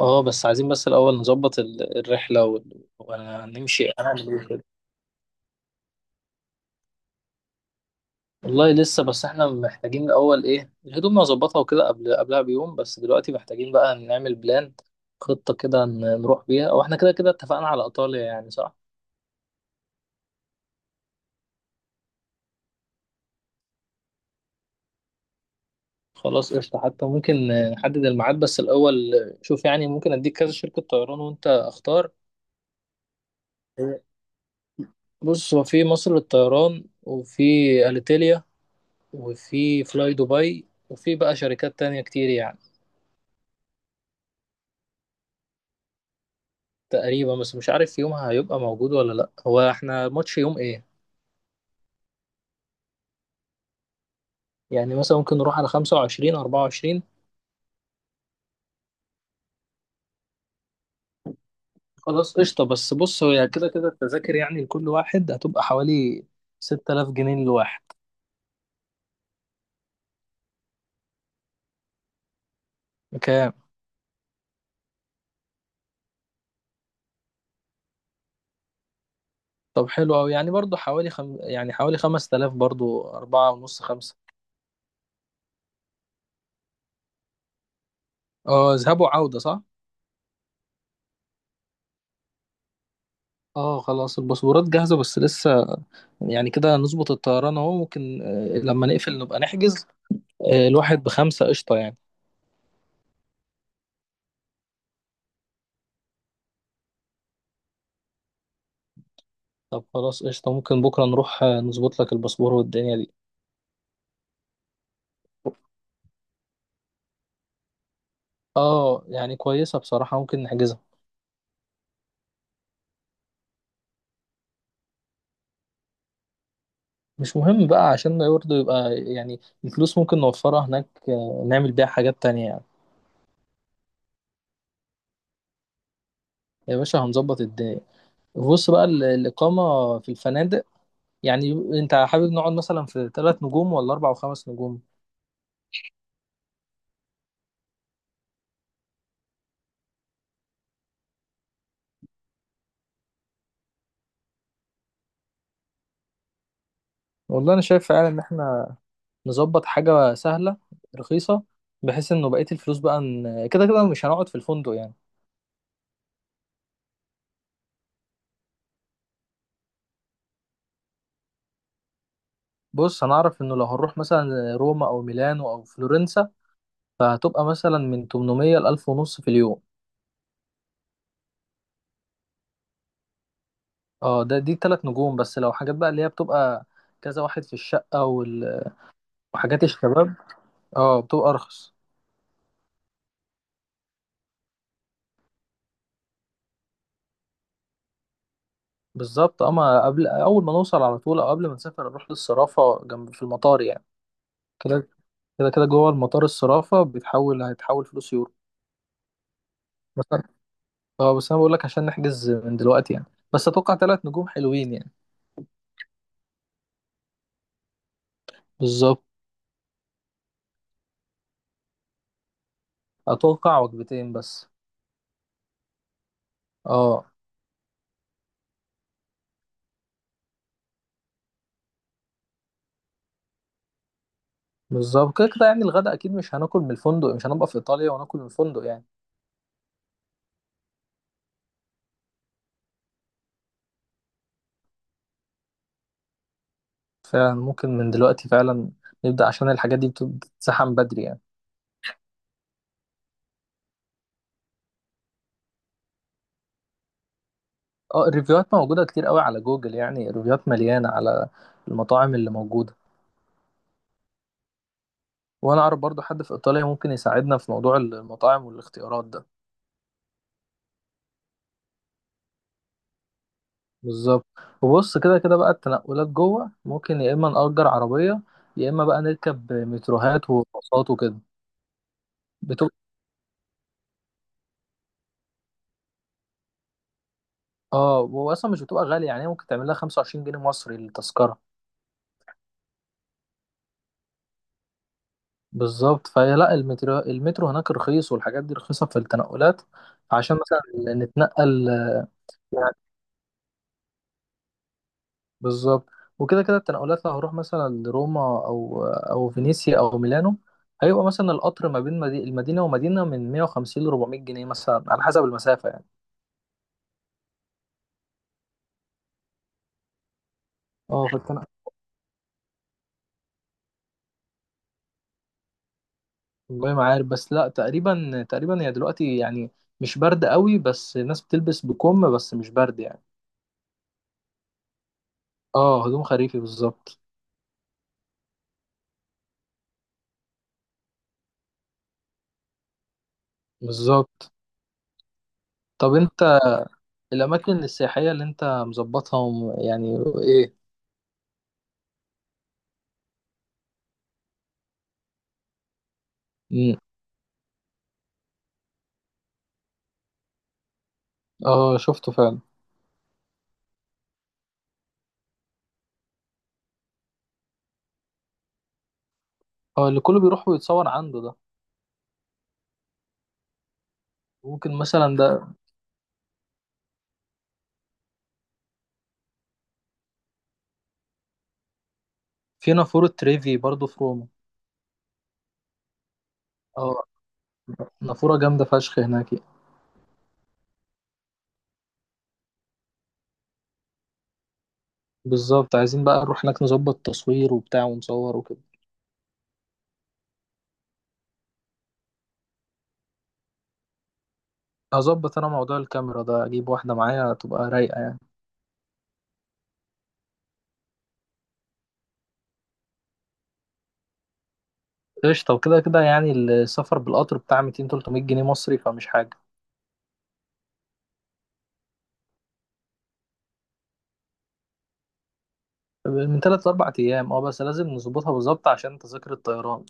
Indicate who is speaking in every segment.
Speaker 1: اه، بس عايزين بس الاول نظبط الرحله وهنمشي هنعمل ايه كده؟ والله لسه، بس احنا محتاجين الاول ايه الهدوم نظبطها وكده قبلها بيوم. بس دلوقتي محتاجين بقى نعمل بلان خطه كده نروح بيها. او احنا كده كده اتفقنا على ايطاليا يعني، صح؟ خلاص قشطه، حتى ممكن نحدد الميعاد بس الاول. شوف، يعني ممكن اديك كذا شركه طيران وانت اختار. بص، هو في مصر للطيران، وفي اليتيليا، وفي فلاي دبي، وفي بقى شركات تانية كتير يعني. تقريبا، بس مش عارف يومها هيبقى موجود ولا لا. هو احنا ماتش يوم ايه؟ يعني مثلا ممكن نروح على 25 24. خلاص قشطة، بس بص هو يعني كده كده التذاكر يعني لكل واحد هتبقى حوالي 6000 جنيه للواحد. كام؟ طب حلو أوي، يعني برضو حوالي يعني حوالي 5000، برضو أربعة ونص خمسة. اه، ذهاب وعودة صح؟ اه، خلاص الباسبورات جاهزة بس لسه، يعني كده نظبط الطيران اهو، ممكن لما نقفل نبقى نحجز. الواحد بخمسة قشطة يعني. طب خلاص قشطة، ممكن بكرة نروح نظبط لك الباسبور والدنيا دي. اه، يعني كويسة بصراحة، ممكن نحجزها. مش مهم بقى، عشان ما برضه يبقى يعني الفلوس ممكن نوفرها هناك، نعمل بيها حاجات تانية يعني. يا باشا، هنظبط الدنيا. بص بقى الإقامة في الفنادق، يعني انت حابب نقعد مثلا في ثلاث نجوم ولا أربع وخمس نجوم؟ والله أنا شايف فعلا إن احنا نظبط حاجة سهلة رخيصة، بحيث إنه بقية الفلوس بقى كده كده مش هنقعد في الفندق يعني. بص، انا اعرف انه لو هنروح مثلا روما او ميلانو او فلورنسا، فهتبقى مثلا من 800 ل 1000 ونص في اليوم. اه، ده دي تلات نجوم، بس لو حاجات بقى اللي هي بتبقى كذا واحد في الشقة وحاجات الشباب اه بتبقى ارخص. بالظبط، اما قبل اول ما نوصل على طول، او قبل ما نسافر نروح للصرافة جنب في المطار يعني. كده، كده كده جوه المطار الصرافة هيتحول فلوس يورو. بس أنا- اه بس انا بقول لك عشان نحجز من دلوقتي يعني. بس اتوقع تلات نجوم حلوين يعني. بالظبط، اتوقع وجبتين بس. اه بالظبط، كده كده يعني الغدا اكيد مش هناكل من الفندق، مش هنبقى في ايطاليا وناكل من الفندق يعني. فعلا ممكن من دلوقتي فعلا نبدا، عشان الحاجات دي بتتسحم بدري يعني. اه، الريفيوهات موجوده كتير قوي على جوجل، يعني الريفيوهات مليانه على المطاعم اللي موجوده. وانا اعرف برضو حد في ايطاليا ممكن يساعدنا في موضوع المطاعم والاختيارات ده. بالظبط. وبص، كده كده بقى التنقلات جوه ممكن يا اما نأجر عربيه، يا اما بقى نركب متروهات وباصات وكده. اه، واصلا مش بتبقى غاليه يعني، ممكن تعمل لها 25 جنيه مصري التذكره. بالظبط، فهي لا، المترو هناك رخيص، والحاجات دي رخيصه في التنقلات، عشان مثلا نتنقل يعني. بالظبط، وكده كده التنقلات لو هروح مثلا لروما او فينيسيا او ميلانو، هيبقى مثلا القطر ما بين المدينه ومدينه من 150 ل 400 جنيه مثلا على حسب المسافه يعني. اه، فالتنقل. والله ما عارف، بس لا تقريبا، تقريبا هي دلوقتي يعني مش برد قوي، بس الناس بتلبس بكم بس مش برد يعني. اه، هجوم خريفي بالظبط. بالظبط. طب انت الاماكن السياحيه اللي انت مظبطها يعني ايه؟ مم. اه شفته فعلا. اه، اللي كله بيروح ويتصور عنده ده. ممكن مثلا ده. في نافوره تريفي برضو في روما. اه، نافوره جامده فشخ هناك. بالظبط، عايزين بقى نروح هناك نظبط تصوير وبتاع ونصور وكده. هظبط انا موضوع الكاميرا ده، اجيب واحده معايا تبقى رايقه يعني. قشطه، وكده كده يعني السفر بالقطر بتاع 200 300 جنيه مصري، فمش حاجه. من ثلاث لأربع أيام، اه بس لازم نظبطها بالظبط عشان تذاكر الطيران.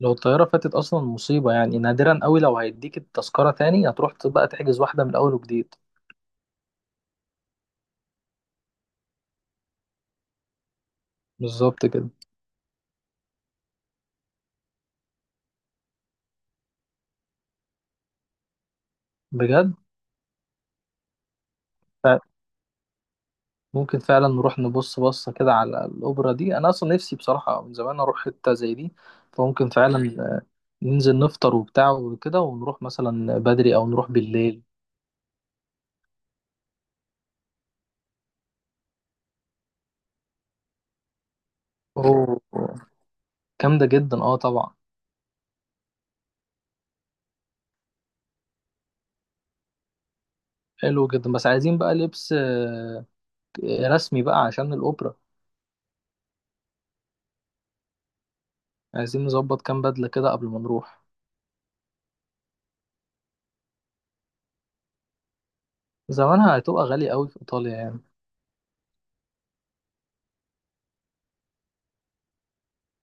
Speaker 1: لو الطيارة فاتت أصلا مصيبة يعني، نادرا قوي لو هيديك التذكرة تاني، هتروح بقى تحجز واحدة من أول وجديد. بالظبط كده. بجد. ف- ممكن فعلا نروح نبص بصة كده على الأوبرا دي، أنا أصلا نفسي بصراحة من زمان أروح حتة زي دي. فممكن فعلا ننزل نفطر وبتاع وكده، ونروح مثلا بدري أو نروح بالليل. أوه، جامدة جدا اه طبعا. حلو جدا، بس عايزين بقى لبس رسمي بقى عشان الأوبرا. عايزين نظبط كام بدلة كده قبل ما نروح. زمانها هتبقى غالية قوي في إيطاليا يعني.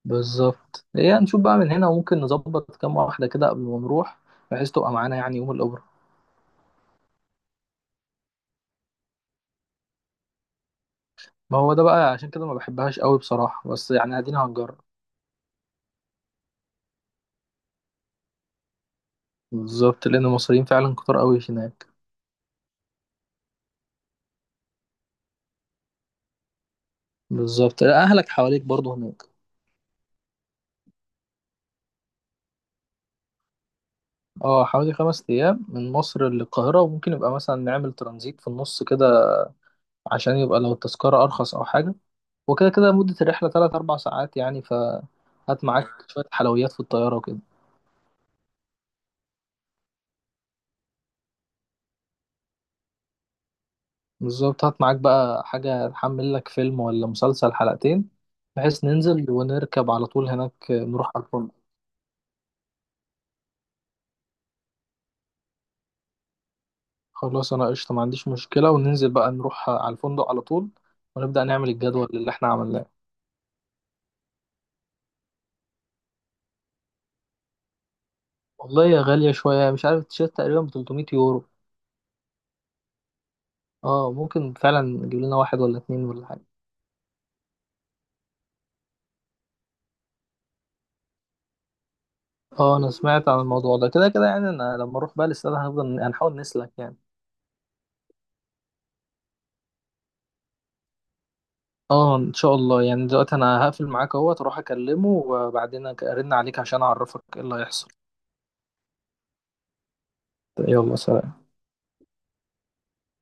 Speaker 1: بالظبط، هي نشوف بقى من هنا وممكن نظبط كام واحدة كده قبل ما نروح، بحيث تبقى معانا يعني يوم الأوبرا. ما هو ده بقى عشان كده ما بحبهاش قوي بصراحة، بس يعني ادينا هنجرب. بالظبط، لأن المصريين فعلا كتار قوي هناك. بالظبط، لا، أهلك حواليك برضو هناك. اه، حوالي 5 أيام من مصر للقاهرة، وممكن يبقى مثلا نعمل ترانزيت في النص كده، عشان يبقى لو التذكرة أرخص أو حاجة. وكده كده مدة الرحلة تلات أربع ساعات يعني، فهات معاك شوية حلويات في الطيارة وكده. بالظبط، هات معاك بقى حاجة تحمل لك فيلم ولا مسلسل حلقتين، بحيث ننزل ونركب على طول هناك نروح على الفندق. خلاص أنا قشطة، ما عنديش مشكلة، وننزل بقى نروح على الفندق على طول، ونبدأ نعمل الجدول اللي احنا عملناه. والله يا غالية شوية، مش عارف التيشيرت تقريبا ب 300 يورو. اه، ممكن فعلا نجيب لنا واحد ولا اتنين ولا حاجة. اه انا سمعت عن الموضوع ده، كده كده يعني انا لما اروح بقى الاستاد هنفضل هنحاول نسلك يعني. اه ان شاء الله، يعني دلوقتي انا هقفل معاك اهو تروح اكلمه، وبعدين ارن عليك عشان اعرفك ايه اللي هيحصل. يلا، سلام.